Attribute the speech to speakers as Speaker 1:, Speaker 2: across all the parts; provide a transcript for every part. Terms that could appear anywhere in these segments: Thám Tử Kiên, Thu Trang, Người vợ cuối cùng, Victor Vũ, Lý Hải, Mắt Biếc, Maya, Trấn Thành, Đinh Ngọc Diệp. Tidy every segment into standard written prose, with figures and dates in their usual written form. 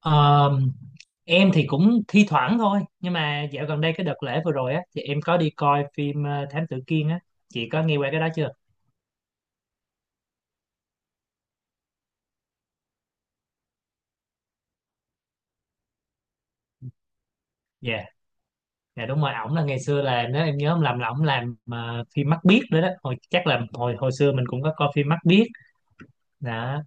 Speaker 1: Ờ, em thì cũng thi thoảng thôi, nhưng mà dạo gần đây cái đợt lễ vừa rồi á thì em có đi coi phim Thám Tử Kiên á. Chị có nghe qua cái đó chưa? Dạ, dạ đúng rồi, ổng là ngày xưa, là nếu em nhớ không lầm là ổng làm phim Mắt Biếc nữa đó. Hồi chắc là hồi hồi xưa mình cũng có coi phim Mắt Biếc đó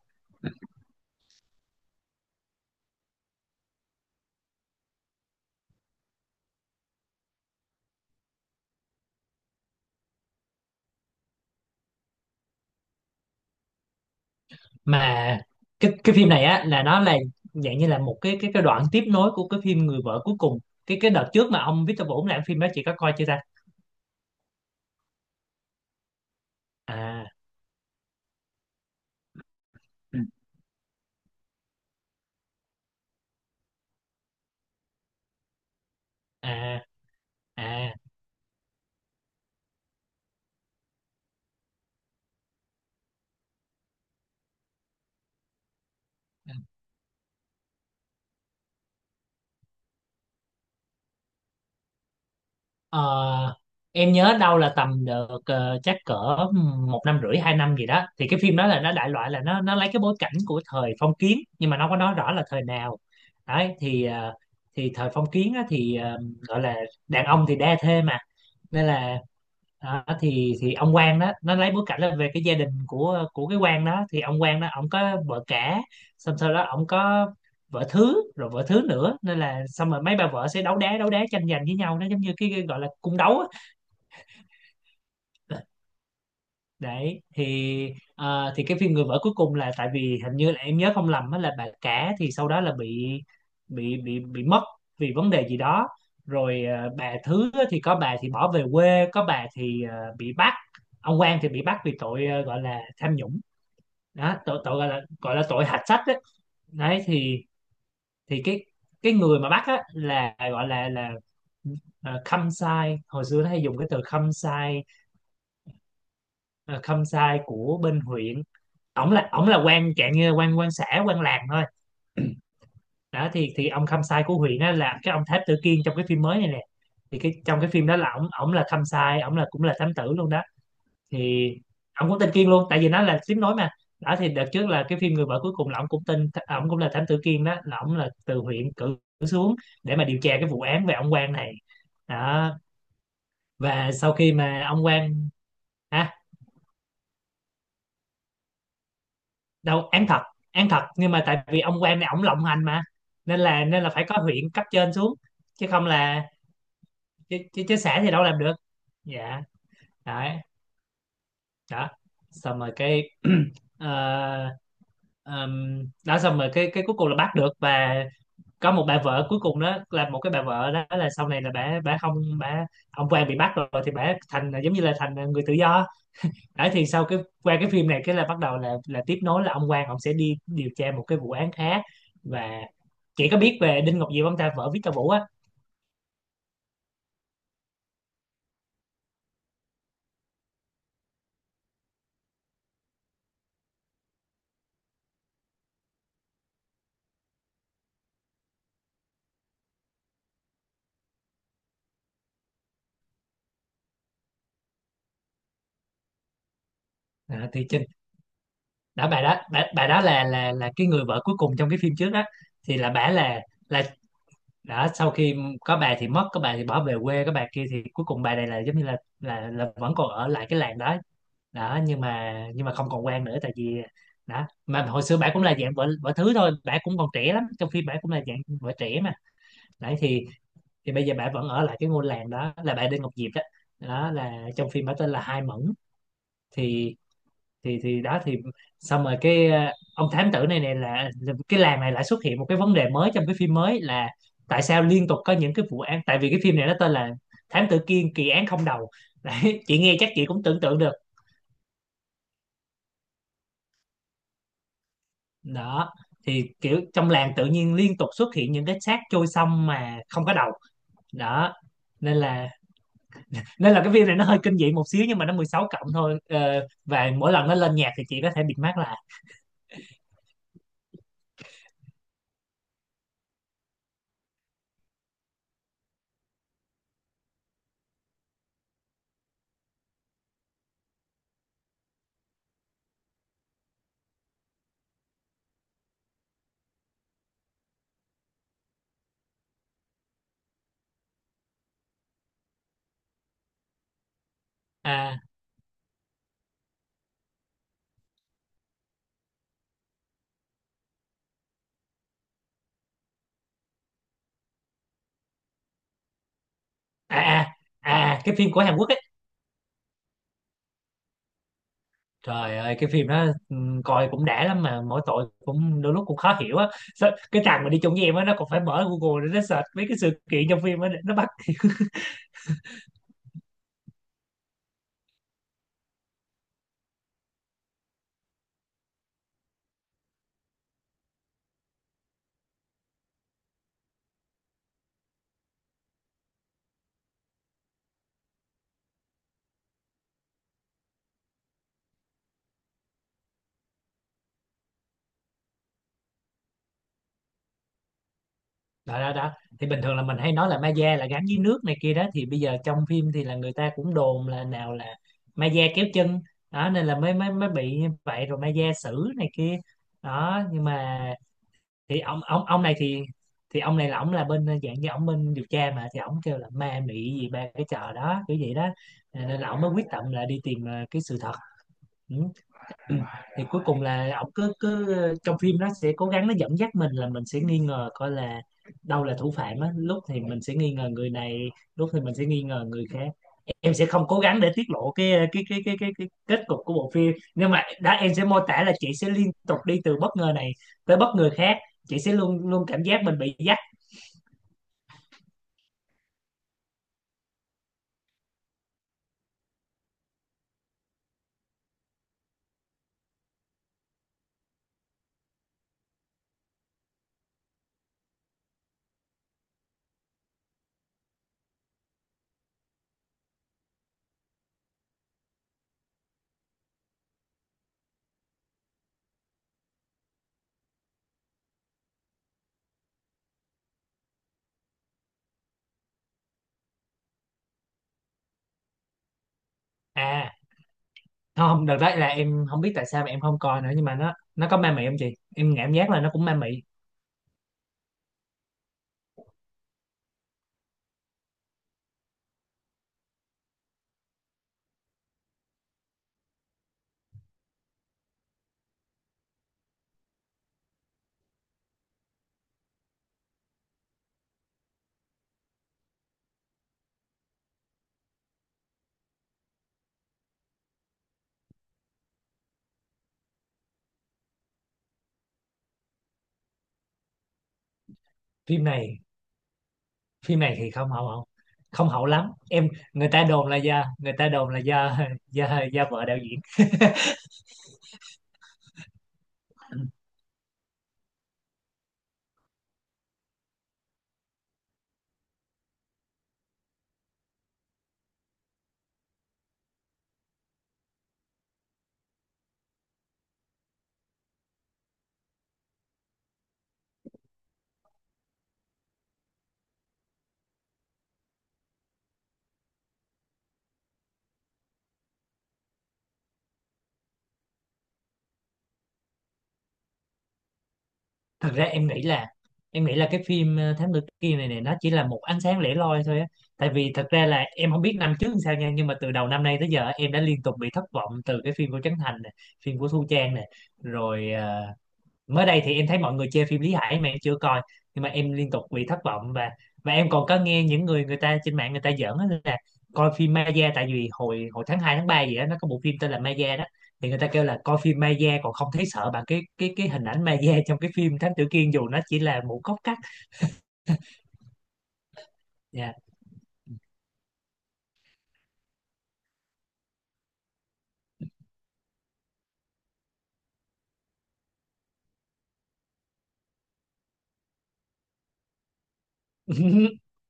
Speaker 1: mà. Cái phim này á là nó là dạng như là một cái đoạn tiếp nối của cái phim Người vợ cuối cùng. Cái đợt trước mà ông Victor Vũ làm phim đó, chị có coi chưa ta? À, ừ. À, à. Ờ, em nhớ đâu là tầm được, chắc cỡ một năm rưỡi hai năm gì đó. Thì cái phim đó là nó đại loại là nó lấy cái bối cảnh của thời phong kiến nhưng mà nó không có nói rõ là thời nào. Đấy thì thì thời phong kiến á, thì gọi là đàn ông thì đa thê mà, nên là đó. Thì ông quan đó, nó lấy bối cảnh là về cái gia đình của cái quan đó. Thì ông quan đó ông có vợ cả, xong sau đó ông có vợ thứ, rồi vợ thứ nữa, nên là xong rồi mấy bà vợ sẽ đấu đá, đấu đá tranh giành với nhau, nó giống như cái gọi là cung đấu á. Đấy thì thì cái phim Người vợ cuối cùng là, tại vì hình như là em nhớ không lầm á, là bà cả thì sau đó là bị bị mất vì vấn đề gì đó. Rồi bà thứ á thì có bà thì bỏ về quê, có bà thì bị bắt. Ông Quang thì bị bắt vì tội gọi là tham nhũng. Đó, tội, gọi là tội hạch sách đấy. Đấy thì cái người mà bắt á là gọi là khâm sai. Hồi xưa nó hay dùng cái từ khâm sai, à, khâm sai của bên huyện. Ổng là quan trạng, như quan quan xã, quan làng thôi. Đó thì ông Khâm Sai của huyện á là cái ông Tháp Tử Kiên trong cái phim mới này nè. Thì cái trong cái phim đó là ổng ổng là Khâm Sai, ổng là cũng là thám tử luôn đó. Thì ổng cũng tên Kiên luôn, tại vì nó là tiếng nói mà. Đó thì đợt trước là cái phim Người vợ cuối cùng là ổng cũng tên, ổng cũng là thám tử Kiên đó, là ổng là từ huyện cử xuống để mà điều tra cái vụ án về ông quan này. Đó, và sau khi mà ông quan, hả? Đâu, án thật, án thật, nhưng mà tại vì ông quan này ổng lộng hành mà, nên là phải có huyện cấp trên xuống, chứ không là chứ xã thì đâu làm được. Dạ. Đấy, đó, xong rồi cái ờ, ờm, đó xong rồi cái cuối cùng là bắt được. Và có một bà vợ cuối cùng đó, là một cái bà vợ đó là sau này là bà không bà ông quan bị bắt rồi thì bà thành giống như là thành người tự do. Đấy, thì sau cái, qua cái phim này cái là bắt đầu là tiếp nối là ông Quang ông sẽ đi điều tra một cái vụ án khác. Và chị có biết về Đinh Ngọc Diệp không ta, vợ Victor Vũ á? À, thì Trinh, đã bà đó, bà đó là là cái người vợ cuối cùng trong cái phim trước đó. Thì là bà là đã sau khi có bà thì mất, có bà thì bỏ về quê, có bà kia thì cuối cùng bà này là giống như là là vẫn còn ở lại cái làng đó. Đó nhưng mà, không còn quan nữa, tại vì đó mà hồi xưa bà cũng là dạng vợ vợ thứ thôi, bà cũng còn trẻ lắm, trong phim bà cũng là dạng vợ trẻ mà. Đấy thì bây giờ bà vẫn ở lại cái ngôi làng đó, là bà Đinh Ngọc Diệp đó. Đó là trong phim bà tên là Hai Mẫn. Thì thì đó thì xong rồi cái ông thám tử này, này là cái làng này lại xuất hiện một cái vấn đề mới trong cái phim mới, là tại sao liên tục có những cái vụ án. Tại vì cái phim này nó tên là Thám Tử Kiên kỳ án không đầu đấy chị nghe chắc chị cũng tưởng tượng được. Đó thì kiểu trong làng tự nhiên liên tục xuất hiện những cái xác trôi sông mà không có đầu. Đó, nên là nên là cái phim này nó hơi kinh dị một xíu nhưng mà nó 16 cộng thôi. Ờ, và mỗi lần nó lên nhạc thì chị có thể bịt mắt là à à à. À, cái phim của Hàn Quốc ấy. Trời ơi, cái phim đó coi cũng đã lắm, mà mỗi tội cũng đôi lúc cũng khó hiểu á. Sao- cái thằng mà đi chung với em á, nó còn phải mở Google để nó search mấy cái sự kiện trong phim á để nó bắt. Đó đó đó, thì bình thường là mình hay nói là ma da là gắn với nước này kia đó. Thì bây giờ trong phim thì là người ta cũng đồn là nào là ma da kéo chân. Đó nên là mới mới mới bị như vậy, rồi ma da xử này kia. Đó nhưng mà, thì ông ông này thì ông này là ông là bên dạng như ông bên điều tra mà, thì ông kêu là ma mị gì ba cái trò đó kiểu vậy đó. Nên là ông mới quyết tâm là đi tìm cái sự thật. Ừ. Ừ. Thì cuối cùng là ổng cứ cứ trong phim nó sẽ cố gắng nó dẫn dắt mình là mình sẽ nghi ngờ coi là đâu là thủ phạm á, lúc thì mình sẽ nghi ngờ người này, lúc thì mình sẽ nghi ngờ người khác. Em sẽ không cố gắng để tiết lộ cái cái kết cục của bộ phim, nhưng mà đã em sẽ mô tả là chị sẽ liên tục đi từ bất ngờ này tới bất ngờ khác. Chị sẽ luôn luôn cảm giác mình bị dắt. À, không, đợt đấy là em không biết tại sao mà em không coi nữa, nhưng mà nó có ma mị không chị? Em cảm giác là nó cũng ma mị. Phim này, phim này thì không hậu, không, không hậu lắm em. Người ta đồn là do, người ta đồn là do do vợ đạo diễn. Thật ra em nghĩ là, em nghĩ là cái phim Thám Tử Kiên này, này nó chỉ là một ánh sáng lẻ loi thôi á. Tại vì thật ra là em không biết năm trước làm sao nha, nhưng mà từ đầu năm nay tới giờ em đã liên tục bị thất vọng từ cái phim của Trấn Thành này, phim của Thu Trang này, rồi mới đây thì em thấy mọi người chê phim Lý Hải mà em chưa coi. Nhưng mà em liên tục bị thất vọng. Và em còn có nghe những người, người ta trên mạng người ta giỡn á, là coi phim Maya, tại vì hồi hồi tháng 2 tháng 3 gì đó nó có bộ phim tên là Maya đó. Thì người ta kêu là coi phim Maya còn không thấy sợ bằng cái cái hình ảnh Maya trong cái phim Thám Tử Kiên, dù nó chỉ là một góc cắt. Dạ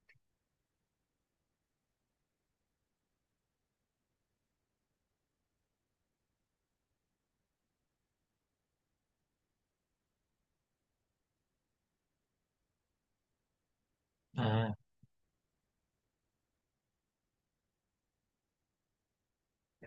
Speaker 1: à.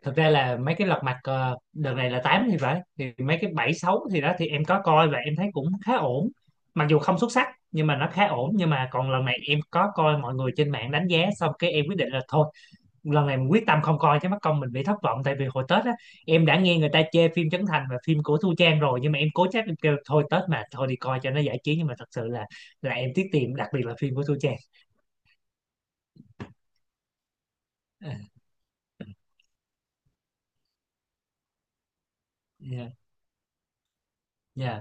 Speaker 1: Thực ra là mấy cái Lật Mặt đợt này là 8 thì phải, thì mấy cái 7 6 thì đó thì em có coi và em thấy cũng khá ổn, mặc dù không xuất sắc nhưng mà nó khá ổn. Nhưng mà còn lần này em có coi mọi người trên mạng đánh giá, xong cái em quyết định là thôi lần này mình quyết tâm không coi chứ mất công mình bị thất vọng. Tại vì hồi Tết á, em đã nghe người ta chê phim Trấn Thành và phim của Thu Trang rồi, nhưng mà em cố chấp em kêu thôi Tết mà, thôi đi coi cho nó giải trí, nhưng mà thật sự là em tiếc tiền, đặc biệt là phim của Thu Trang. À, yeah, yeah.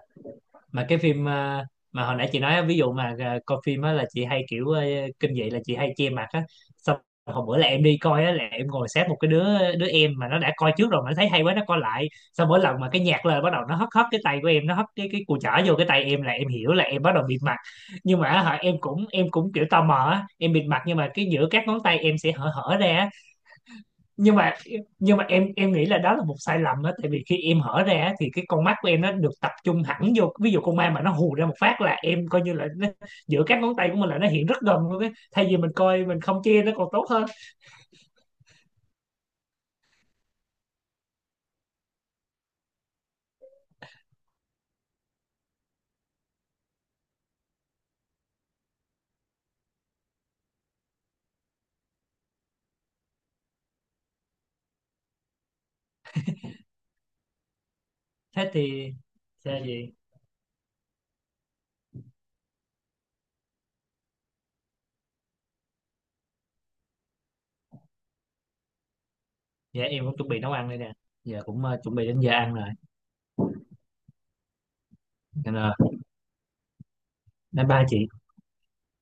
Speaker 1: Mà cái phim mà hồi nãy chị nói á, ví dụ mà coi phim á là chị hay kiểu kinh dị là chị hay che mặt á. Xong hồi bữa là em đi coi á, là em ngồi sát một cái đứa, em mà nó đã coi trước rồi mà nó thấy hay quá nó coi lại. Xong mỗi lần mà cái nhạc lên bắt đầu nó hất hất cái tay của em, nó hất cái cùi chỏ vô cái tay em là em hiểu là em bắt đầu bịt mặt. Nhưng mà á, hả, em cũng kiểu tò mò á, em bịt mặt nhưng mà cái giữa các ngón tay em sẽ hở hở ra á. Nhưng mà em nghĩ là đó là một sai lầm đó, tại vì khi em hở ra á, thì cái con mắt của em nó được tập trung hẳn vô, ví dụ con ma mà nó hù ra một phát là em coi như là nó, giữa các ngón tay của mình là nó hiện rất gần luôn ấy, thay vì mình coi mình không che nó còn tốt hơn. Thế thì, thế gì. Dạ em cũng chuẩn bị nấu ăn đây nè, giờ cũng chuẩn bị đến giờ ăn rồi, nên là bye bye chị.